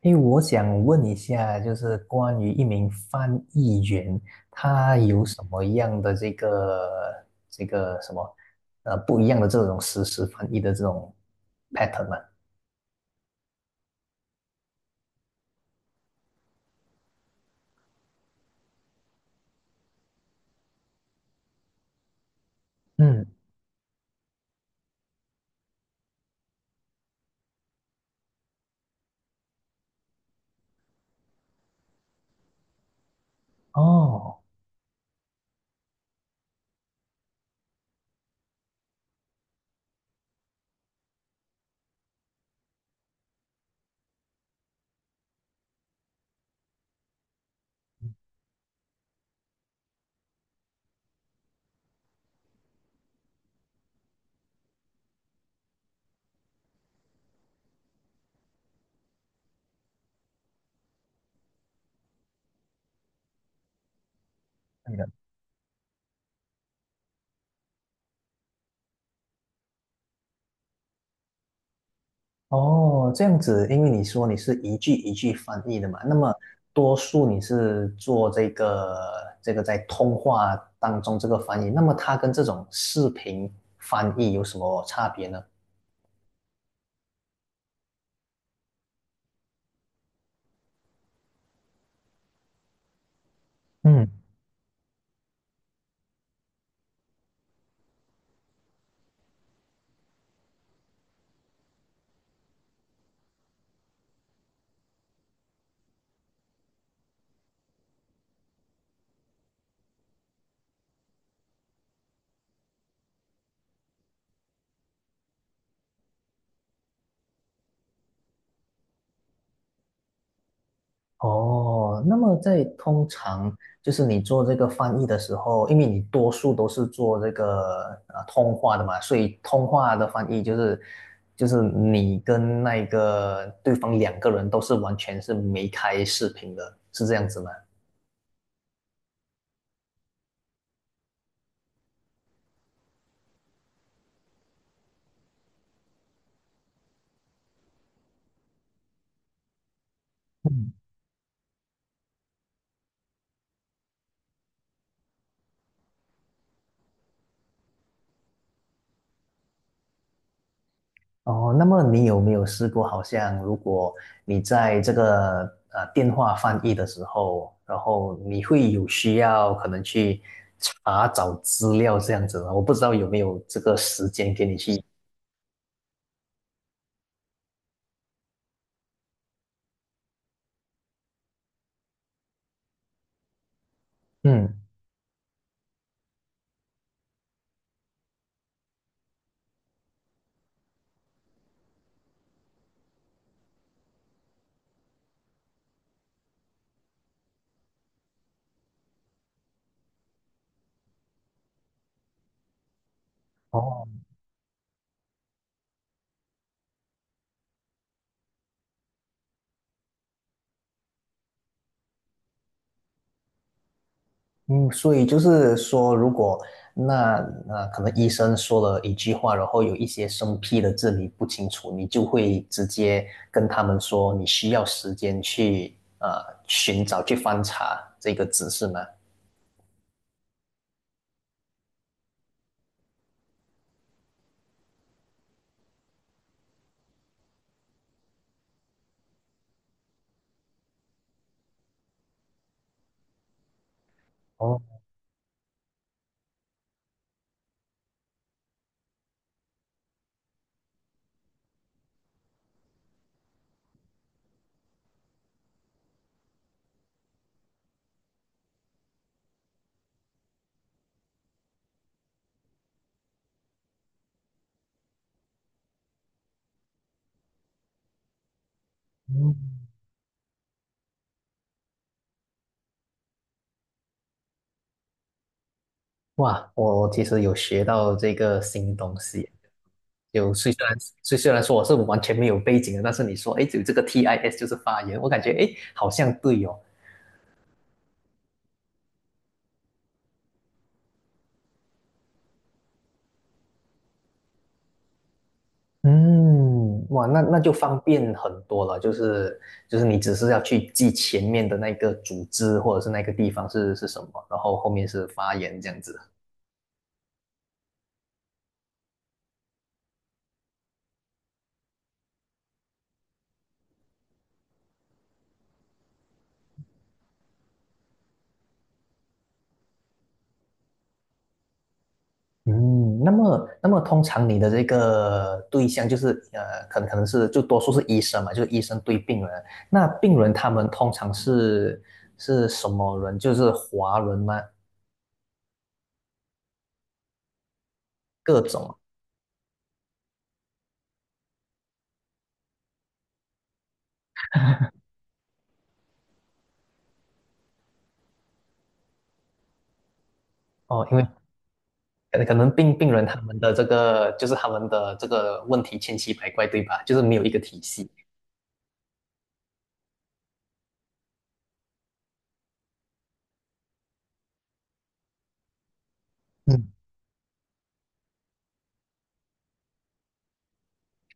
因为我想问一下，就是关于一名翻译员，他有什么样的这个什么不一样的这种实时翻译的这种 pattern 吗？嗯。哦，对的。哦，这样子，因为你说你是一句一句翻译的嘛，那么多数你是做这个这个在通话当中这个翻译，那么它跟这种视频翻译有什么差别呢？嗯。哦，那么在通常就是你做这个翻译的时候，因为你多数都是做这个通话的嘛，所以通话的翻译就是就是你跟那个对方两个人都是完全是没开视频的，是这样子吗？哦，那么你有没有试过，好像如果你在这个电话翻译的时候，然后你会有需要可能去查找资料这样子呢？我不知道有没有这个时间给你去。嗯。哦。嗯，所以就是说，如果那那可能医生说了一句话，然后有一些生僻的字你不清楚，你就会直接跟他们说你需要时间去寻找去翻查这个字是吗？嗯，哇，我其实有学到这个新东西，就虽然虽然说我是完全没有背景的，但是你说，哎，有这个 TIS 就是发言，我感觉，哎，好像对哦。嗯，哇，那那就方便很多了，就是就是你只是要去记前面的那个组织或者是那个地方是是什么，然后后面是发言这样子。嗯，那么，那么通常你的这个对象就是，可能是就多数是医生嘛，就是医生对病人。那病人他们通常是是什么人？就是华人吗？各种。哦，因为可能病人他们的这个就是他们的这个问题千奇百怪，对吧？就是没有一个体系。嗯。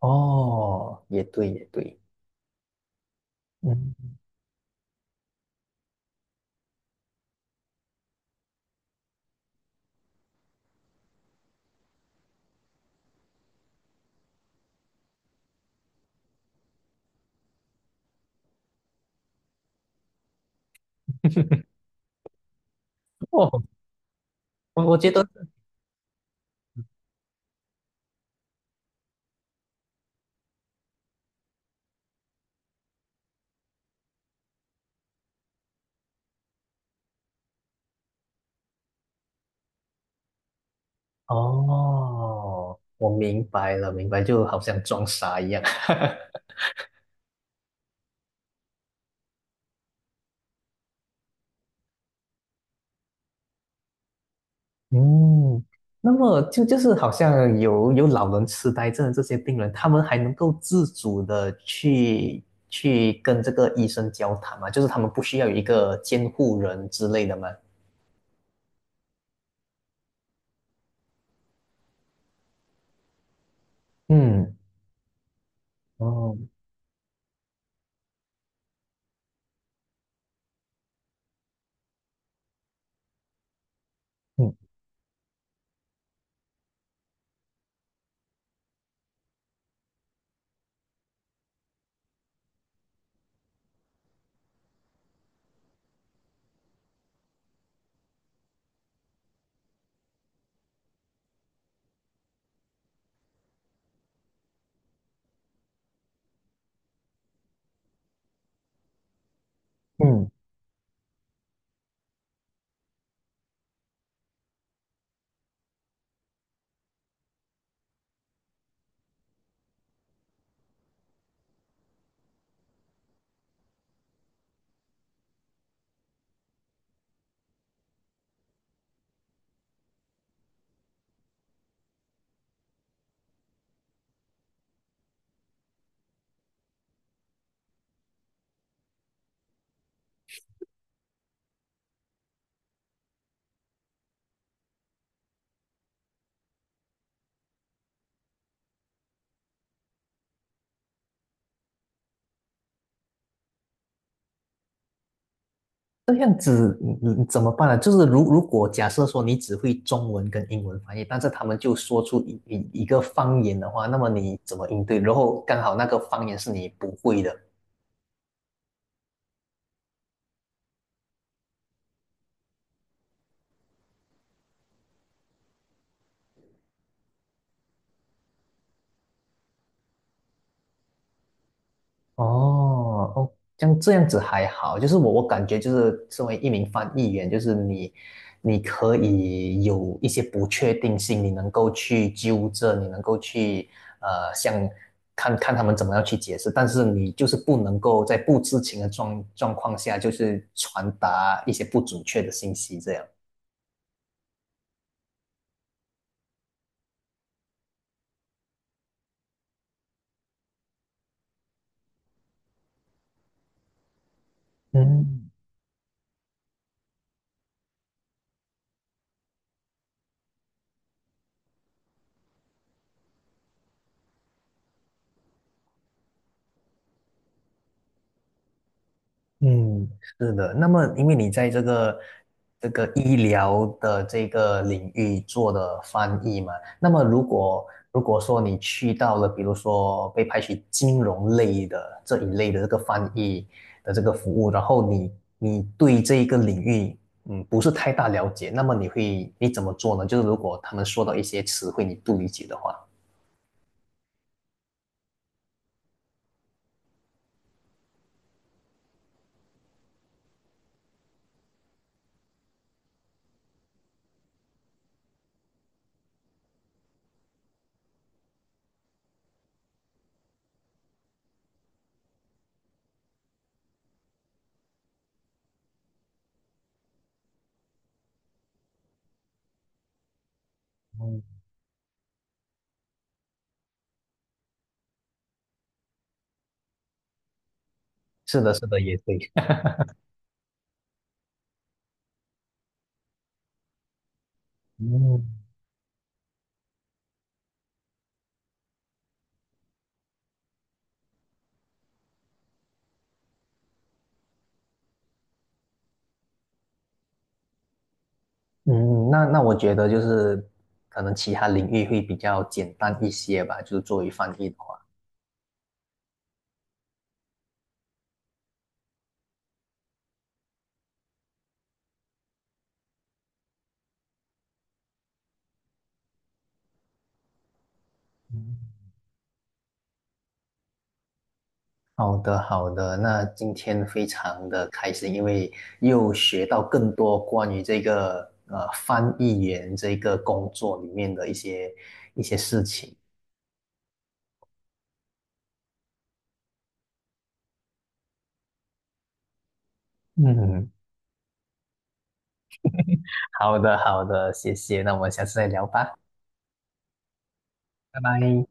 哦，也对，也对。嗯。哦，我觉得哦，我明白了，明白，就好像装傻一样。嗯，那么就是好像有老人痴呆症的这些病人，他们还能够自主的去去跟这个医生交谈嘛？就是他们不需要有一个监护人之类的吗？嗯。哦。嗯嗯，这样子你你怎么办呢？就是如果假设说你只会中文跟英文翻译，但是他们就说出一个方言的话，那么你怎么应对？然后刚好那个方言是你不会的。哦哦，像这样子还好，就是我感觉就是身为一名翻译员，就是你你可以有一些不确定性，你能够去纠正，你能够去像看看他们怎么样去解释，但是你就是不能够在不知情的状况下，就是传达一些不准确的信息这样。嗯嗯，是的。那么，因为你在这个这个医疗的这个领域做的翻译嘛，那么如果说你去到了，比如说被派去金融类的这一类的这个翻译的这个服务，然后你你对这一个领域不是太大了解，那么你会你怎么做呢？就是如果他们说到一些词汇你不理解的话，嗯。是的，是的，也对。嗯嗯，那那我觉得就是可能其他领域会比较简单一些吧，就是作为翻译的话。好的，好的，那今天非常的开心，因为又学到更多关于这个翻译员这个工作里面的一些一些事情。嗯。好的，好的，谢谢，那我们下次再聊吧，拜拜。